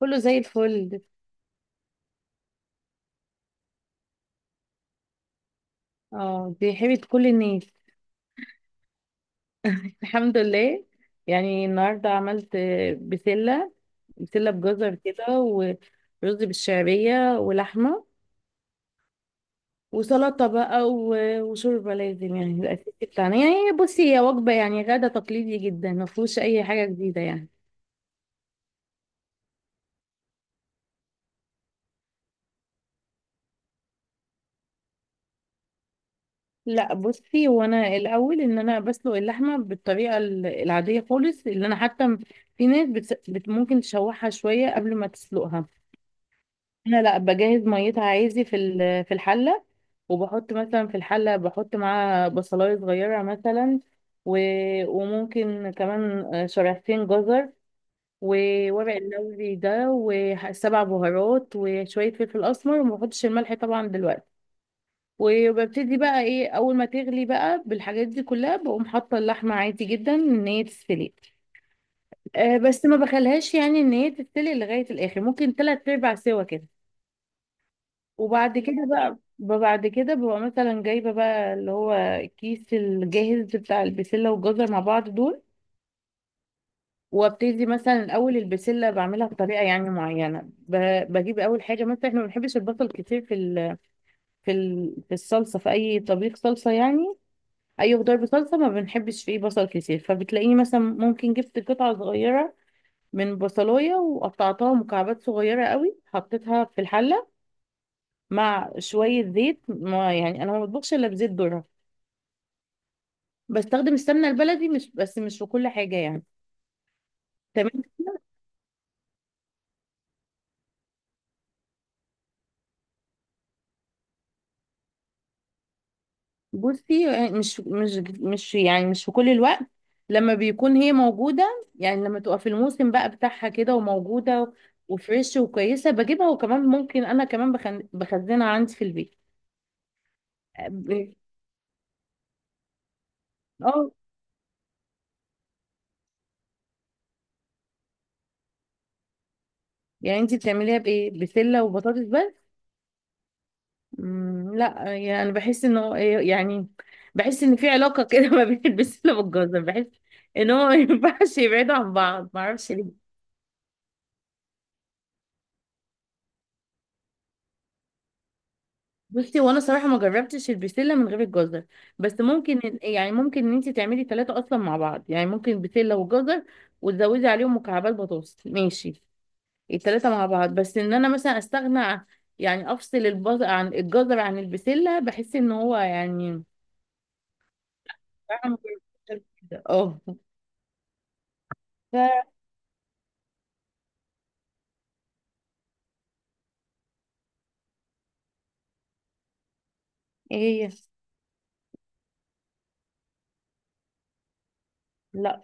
كله زي الفل. اه، دي حبيبة كل الناس. الحمد لله. يعني النهاردة عملت بسلة بسلة بجزر كده، ورز بالشعرية ولحمة وسلطة بقى، وشوربة. لازم يعني الأساسي بتاعنا. يعني بصي، هي وجبة يعني غدا تقليدي جدا، ما فيهوش أي حاجة جديدة يعني. لا بصي، وانا الاول ان انا بسلق اللحمه بالطريقه العاديه خالص، اللي انا حتى في ناس ممكن تشوحها شويه قبل ما تسلقها. انا لا، بجهز ميتها عادي في في الحله، وبحط مثلا في الحله، بحط معاها بصلايه صغيره مثلا، و... وممكن كمان شريحتين جزر، وورق اللوزي ده وسبع بهارات وشويه فلفل اسمر، وما بحطش الملح طبعا دلوقتي. وببتدي بقى ايه، اول ما تغلي بقى بالحاجات دي كلها، بقوم حاطه اللحمه عادي جدا ان هي تستوي. أه بس ما بخليهاش يعني ان هي تستوي لغايه الاخر، ممكن تلات ارباع سوا كده. وبعد كده بقى، بعد كده ببقى مثلا جايبة بقى اللي هو الكيس الجاهز بتاع البسلة والجزر مع بعض دول. وابتدي مثلا الاول البسله، بعملها بطريقه يعني معينه، بجيب اول حاجه. مثلا احنا ما بنحبش البصل كتير في ال في ال في الصلصه، في اي طبيخ صلصه يعني، اي خضار بصلصه ما بنحبش فيه بصل كتير. فبتلاقيني مثلا ممكن جبت قطعه صغيره من بصلايه، وقطعتها مكعبات صغيره قوي، حطيتها في الحله مع شويه زيت. ما يعني انا ما بطبخش الا بزيت ذره، بستخدم السمنه البلدي مش بس، مش في كل حاجه يعني. تمام. بصي يعني، مش يعني مش في كل الوقت. لما بيكون هي موجوده، يعني لما تبقى في الموسم بقى بتاعها كده وموجوده وفريش وكويسه، بجيبها. وكمان ممكن انا كمان بخزنها عندي في البيت. آه، ب- اه، يعني انتي بتعمليها بايه؟ بسله وبطاطس بس؟ لا، يعني انا بحس ان هو يعني بحس ان في علاقه كده ما بين البسله والجزر. بحس ان هو ما ينفعش يبعدوا عن بعض، ما اعرفش. بصي، وانا صراحه ما جربتش البسله من غير الجزر. بس ممكن يعني ممكن ان انت تعملي ثلاثه اصلا مع بعض. يعني ممكن بسله وجزر، وتزودي عليهم مكعبات بطاطس ماشي، الثلاثه مع بعض. بس ان انا مثلا يعني افصل البز عن الجزر عن البسله، بحس ان هو يعني. صراحة ما جربتش قبل كده. اه. ف ايه هي؟ لا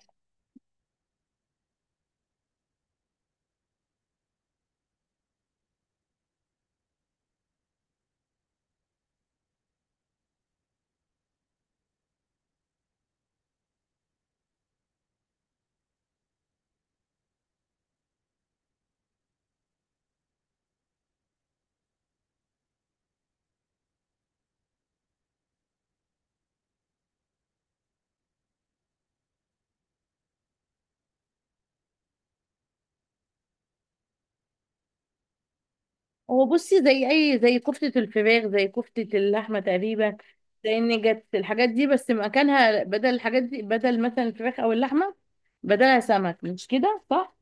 هو بصي زي اي زي كفتة الفراخ زي كفتة اللحمة تقريبا، زي النجت الحاجات دي. بس مكانها بدل الحاجات دي، بدل مثلا الفراخ او اللحمة، بدلها سمك. مش كده صح؟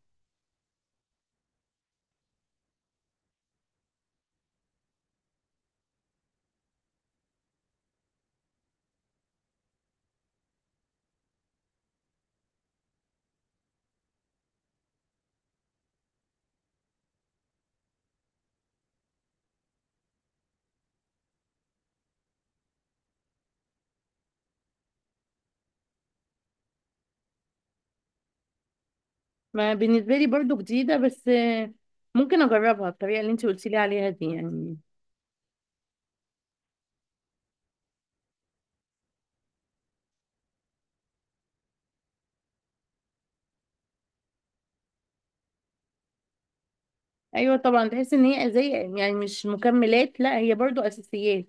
ما بالنسبة لي برضو جديدة، بس ممكن اجربها الطريقة اللي انت قلتي لي عليها دي يعني. ايوه طبعا، تحس ان هي زي يعني مش مكملات، لا هي برضو اساسيات.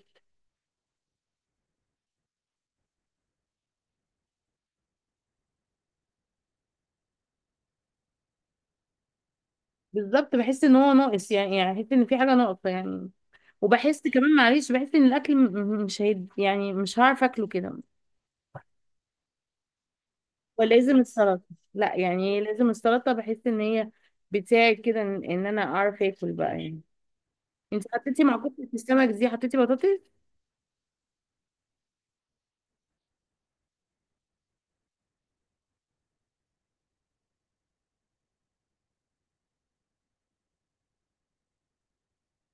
بالظبط، بحس ان هو ناقص يعني، يعني بحس ان في حاجة ناقصة يعني. وبحس كمان معلش، بحس ان الاكل مش هيد يعني، مش هعرف اكله كده. ولازم السلطة، لا يعني إيه، لازم السلطة. بحس ان هي بتساعد كده ان إن انا اعرف اكل بقى يعني. انت حطيتي مع كفتة السمك دي حطيتي بطاطس؟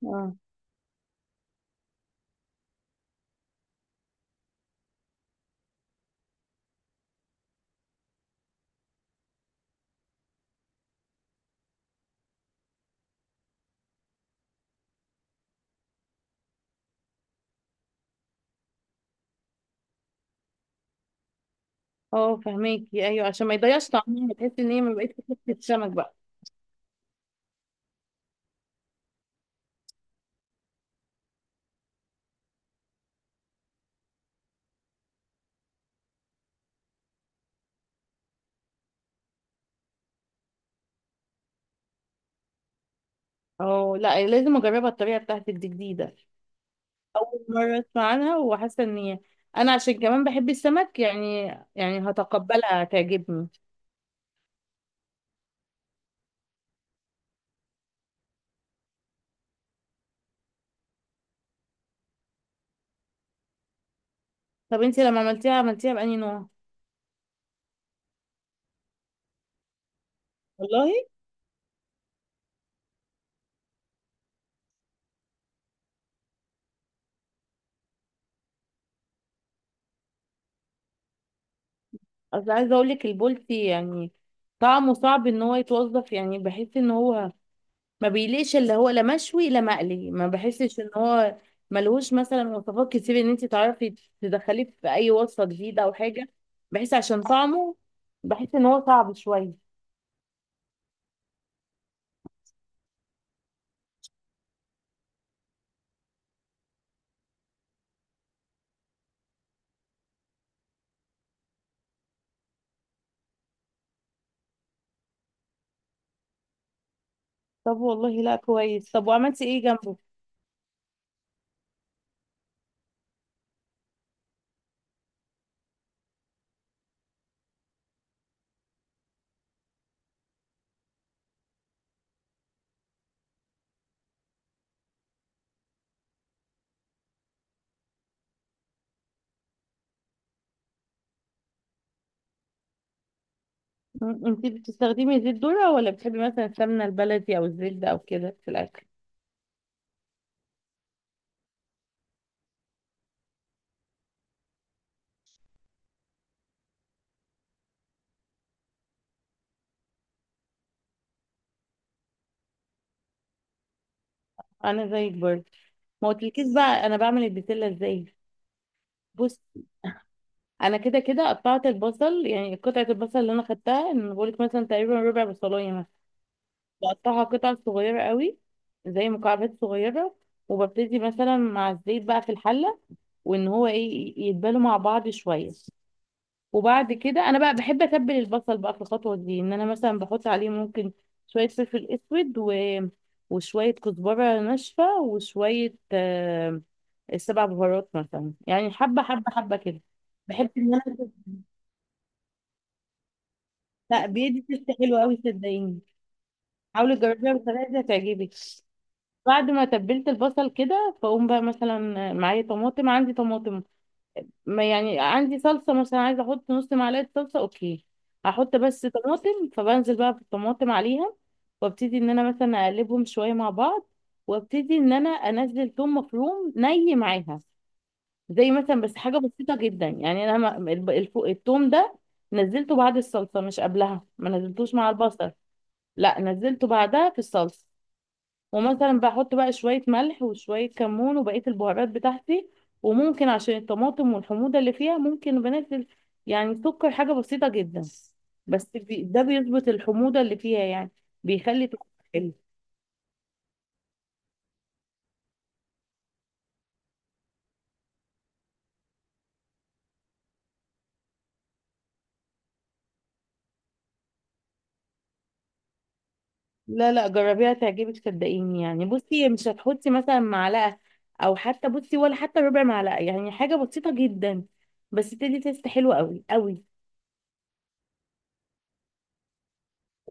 اه. اه فهماكي، ايوه عشان ما يضيعش طعمها، تحس ان هي ما بقتش كفتة سمك بقى. اه، لا لازم اجربها الطريقة بتاعتك دي جديدة. اول مرة اسمع عنها وحاسة ان هي، انا عشان كمان بحب السمك يعني، يعني هتقبلها هتعجبني. طب انت لما عملتيها عملتيها بأنهي نوع؟ والله اصل عايزه اقول لك، البولتي يعني طعمه صعب ان هو يتوظف. يعني بحس ان هو ما بيليقش اللي هو لا مشوي لا مقلي، ما بحسش ان هو ملهوش مثلا وصفات كتير ان انت تعرفي تدخليه في اي وصفه جديده او حاجه. بحس عشان طعمه، بحس ان هو صعب شويه. طب والله لا كويس. طب وعملتي ايه جنبه؟ انت بتستخدمي زيت ذرة ولا بتحبي مثلا السمنه البلدي او الزبده او كده في الاكل؟ انا زيك برضه. ما قلتلكيش بقى انا بعمل البسله ازاي. انا كده كده قطعت البصل، يعني قطعه البصل اللي انا خدتها ان بقولك مثلا تقريبا ربع بصلايه مثلا، بقطعها قطع صغيره قوي، زي مكعبات صغيره. وببتدي مثلا مع الزيت بقى في الحله، وان هو ايه، يتبالوا مع بعض شويه. وبعد كده انا بقى بحب اتبل البصل بقى في الخطوه دي، ان انا مثلا بحط عليه ممكن شويه فلفل اسود، وشويه كزبره ناشفه، وشويه السبع بهارات مثلا، يعني حبه حبه حبه كده. بحب ان انا، لا بيدي تست حلوة قوي صدقيني. حاولي تجربيها بالطريقة دي هتعجبك. بعد ما تبلت البصل كده، فاقوم بقى مثلا، معايا طماطم، عندي طماطم ما يعني. عندي صلصة مثلا، عايزة احط نص معلقة صلصة اوكي، هحط بس طماطم. فبنزل بقى في الطماطم عليها، وابتدي ان انا مثلا اقلبهم شوية مع بعض، وابتدي ان انا انزل ثوم مفروم ني معاها، زي مثلا، بس حاجة بسيطة جدا يعني. انا الثوم ده نزلته بعد الصلصة، مش قبلها ما نزلتوش مع البصل، لا نزلته بعدها في الصلصه. ومثلا بحط بقى شويه ملح وشويه كمون وبقيه البهارات بتاعتي. وممكن عشان الطماطم والحموضه اللي فيها، ممكن بنزل يعني سكر حاجه بسيطه جدا. بس بي ده بيظبط الحموضه اللي فيها يعني، بيخلي طعمها حلو. لا لا جربيها تعجبك صدقيني. يعني بصي مش هتحطي مثلا معلقه، او حتى بصي ولا حتى ربع معلقه، يعني حاجه بسيطه جدا، بس تدي تيست حلو قوي قوي.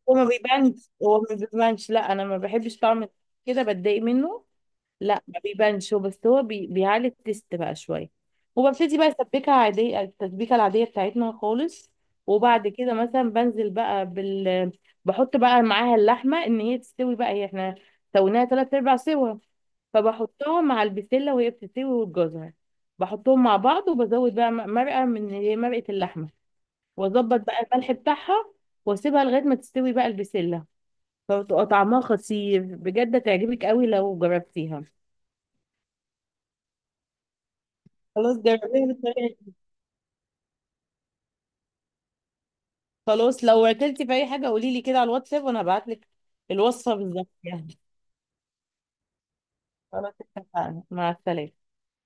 هو ما بيبانش، هو ما بيبانش لا، انا ما بحبش طعم كده بتضايق منه. لا ما بيبانش هو، بس هو بيعلي التست بقى شويه. وببتدي بقى اسبكها عاديه، التسبيكه العاديه بتاعتنا خالص. وبعد كده مثلا بنزل بقى بحط بقى معاها اللحمه ان هي تستوي بقى، هي احنا سويناها تلات ارباع سوا. فبحطها مع البسله وهي بتستوي، والجزر بحطهم مع بعض، وبزود بقى مرقه من اللي هي مرقه اللحمه، واظبط بقى الملح بتاعها، واسيبها لغايه ما تستوي بقى البسله. فبتبقى طعمها خطير بجد، هتعجبك قوي لو جربتيها. خلاص جربيها بالطريقة دي. خلاص لو اكلتي في اي حاجه قولي لي كده على الواتساب، وانا هبعت لك الوصفه بالظبط يعني. خلاص اتفقنا، مع السلامه.